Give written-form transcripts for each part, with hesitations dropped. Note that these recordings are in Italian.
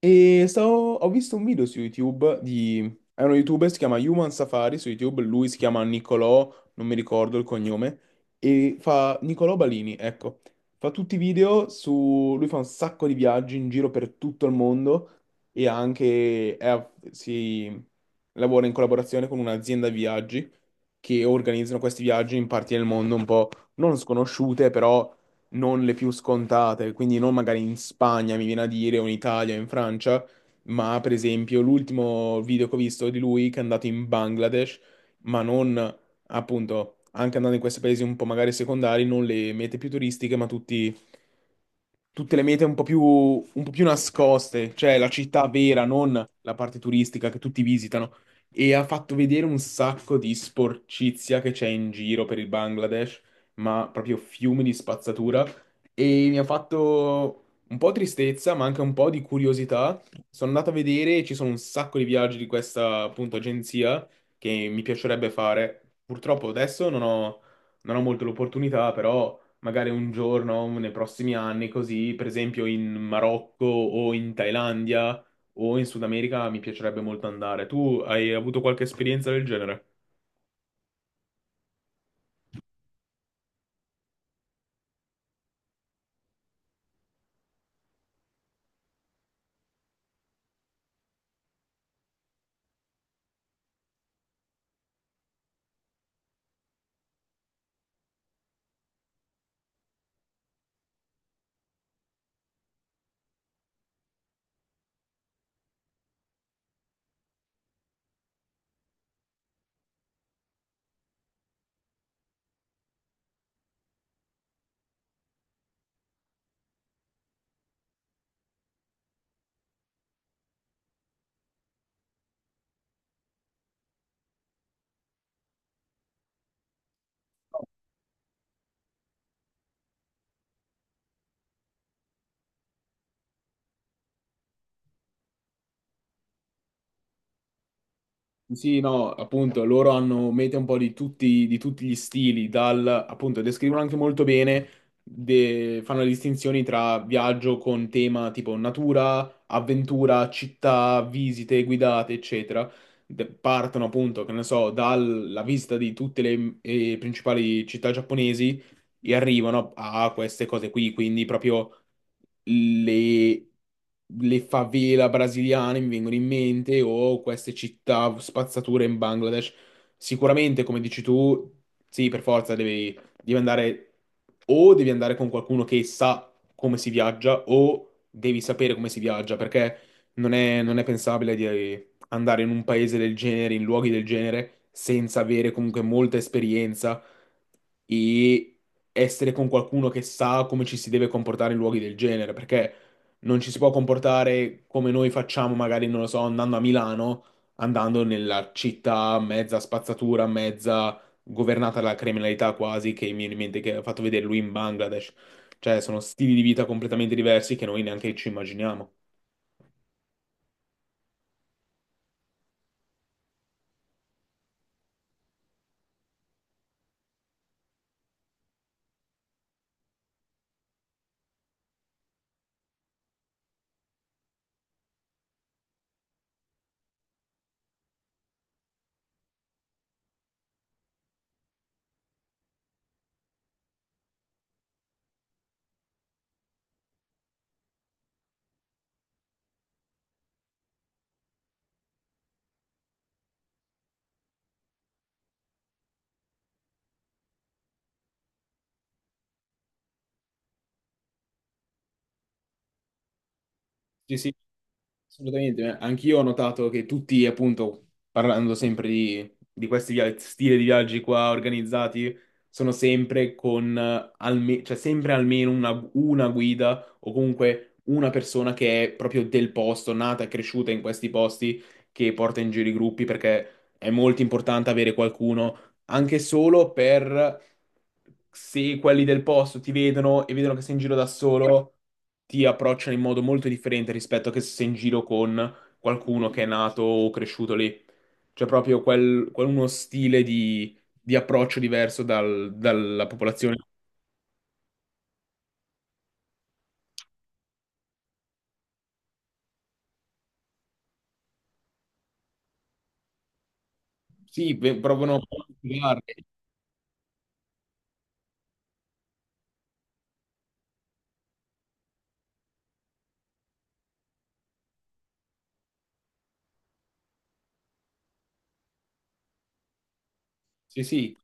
Ho visto un video su YouTube È uno YouTuber, si chiama Human Safari su YouTube, lui si chiama Nicolò, non mi ricordo il cognome, e fa Nicolò Balini, ecco. Fa tutti i video Lui fa un sacco di viaggi in giro per tutto il mondo e anche è a- si lavora in collaborazione con un'azienda di viaggi che organizzano questi viaggi in parti del mondo un po' non sconosciute, però non le più scontate, quindi non magari in Spagna, mi viene a dire, o in Italia, o in Francia, ma per esempio l'ultimo video che ho visto di lui che è andato in Bangladesh, ma non appunto, anche andando in questi paesi un po' magari secondari, non le mete più turistiche, ma tutti tutte le mete un po' più nascoste, cioè la città vera, non la parte turistica che tutti visitano. E ha fatto vedere un sacco di sporcizia che c'è in giro per il Bangladesh, ma proprio fiumi di spazzatura, e mi ha fatto un po' tristezza, ma anche un po' di curiosità. Sono andato a vedere, ci sono un sacco di viaggi di questa, appunto, agenzia, che mi piacerebbe fare. Purtroppo adesso non ho molto l'opportunità, però magari un giorno, nei prossimi anni, così, per esempio in Marocco o in Thailandia o in Sud America mi piacerebbe molto andare. Tu hai avuto qualche esperienza del genere? Sì, no, appunto, loro hanno mete un po' di tutti gli stili, dal, appunto, descrivono anche molto bene, fanno le distinzioni tra viaggio con tema tipo natura, avventura, città, visite guidate, eccetera. Partono, appunto, che ne so, dalla visita di tutte le principali città giapponesi, e arrivano a queste cose qui, quindi proprio le, le favela brasiliane mi vengono in mente, o queste città spazzature in Bangladesh. Sicuramente, come dici tu, sì, per forza devi andare, o devi andare con qualcuno che sa come si viaggia, o devi sapere come si viaggia, perché non è pensabile di andare in un paese del genere, in luoghi del genere, senza avere comunque molta esperienza, e essere con qualcuno che sa come ci si deve comportare in luoghi del genere, perché non ci si può comportare come noi facciamo, magari, non lo so, andando a Milano, andando nella città mezza spazzatura, mezza governata dalla criminalità quasi, che mi viene in mente che ha fatto vedere lui in Bangladesh. Cioè, sono stili di vita completamente diversi che noi neanche ci immaginiamo. Sì, sì, assolutamente, eh. Anch'io ho notato che tutti, appunto, parlando sempre di questi stili di viaggi qua organizzati, sono sempre con cioè sempre una guida, o comunque una persona che è proprio del posto, nata e cresciuta in questi posti, che porta in giro i gruppi, perché è molto importante avere qualcuno anche solo per, se quelli del posto ti vedono e vedono che sei in giro da solo, ti approcciano in modo molto differente rispetto a che se sei in giro con qualcuno che è nato o cresciuto lì. C'è proprio uno stile di approccio diverso dalla popolazione. Sì, provano a spiegarli. Sì, sì.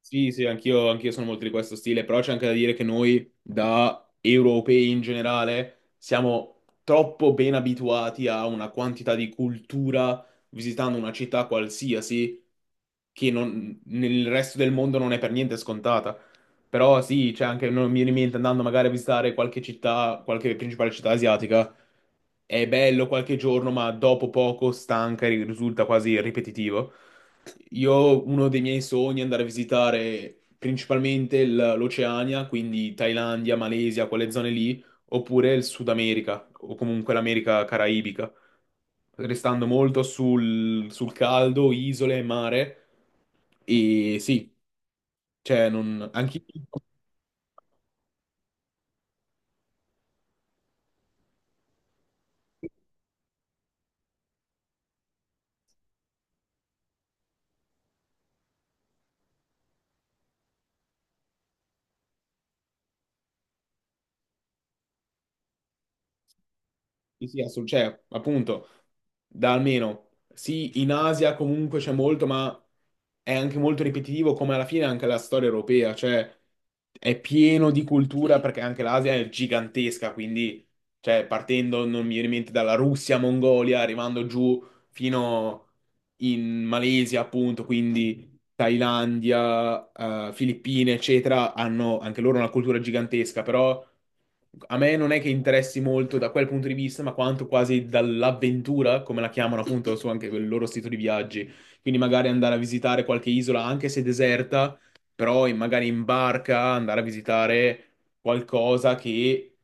Sì, sì, anch'io sono molto di questo stile, però c'è anche da dire che noi, da europei in generale, siamo troppo ben abituati a una quantità di cultura visitando una città qualsiasi, che nel resto del mondo non è per niente scontata. Però sì, c'è anche, non mi viene in mente, andando magari a visitare qualche città, qualche principale città asiatica, è bello qualche giorno, ma dopo poco stanca e risulta quasi ripetitivo. Io, uno dei miei sogni è andare a visitare principalmente l'Oceania, quindi Thailandia, Malesia, quelle zone lì, oppure il Sud America, o comunque l'America caraibica, restando molto sul caldo, isole, mare, e sì, cioè non... anche sì, sì, cioè, appunto, da almeno, sì, in Asia comunque c'è molto, ma è anche molto ripetitivo, come alla fine anche la storia europea, cioè è pieno di cultura perché anche l'Asia è gigantesca, quindi, cioè, partendo, non mi viene in mente, dalla Russia, Mongolia, arrivando giù fino in Malesia, appunto, quindi Thailandia, Filippine, eccetera, hanno anche loro una cultura gigantesca, però a me non è che interessi molto da quel punto di vista, ma quanto quasi dall'avventura, come la chiamano appunto su anche il loro sito di viaggi. Quindi magari andare a visitare qualche isola, anche se deserta, però magari in barca andare a visitare qualcosa che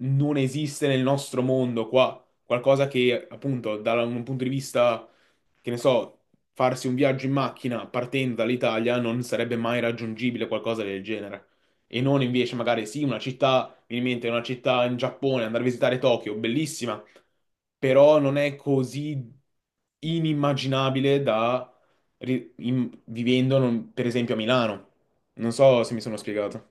non esiste nel nostro mondo qua. Qualcosa che appunto da un punto di vista, che ne so, farsi un viaggio in macchina partendo dall'Italia non sarebbe mai raggiungibile, qualcosa del genere. E non invece magari sì, una città, mi viene in mente una città in Giappone, andare a visitare Tokyo, bellissima, però non è così inimmaginabile da vivendo, per esempio, a Milano. Non so se mi sono spiegato.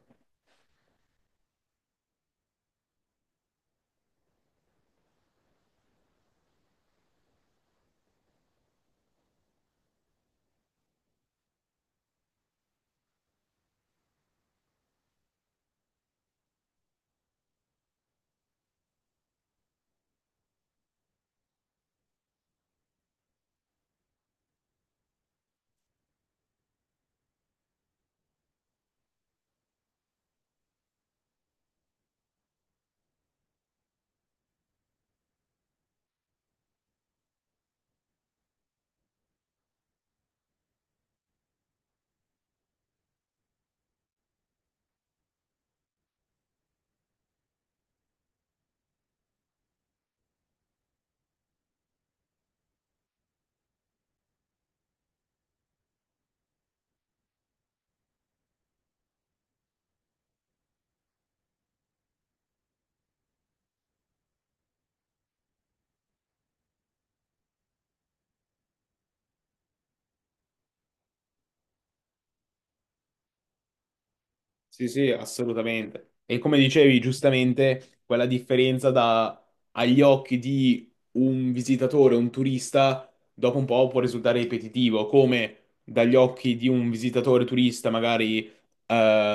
Sì, sì, assolutamente. E come dicevi giustamente, quella differenza da agli occhi di un visitatore, un turista, dopo un po' può risultare ripetitivo, come dagli occhi di un visitatore turista, magari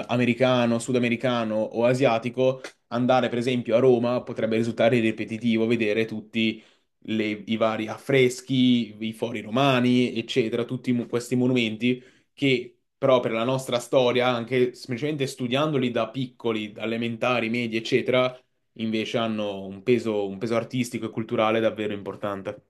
americano, sudamericano o asiatico, andare per esempio a Roma potrebbe risultare ripetitivo vedere tutti i vari affreschi, i fori romani, eccetera, tutti questi monumenti, che però per la nostra storia, anche semplicemente studiandoli da piccoli, da elementari, medi, eccetera, invece hanno un peso artistico e culturale davvero importante.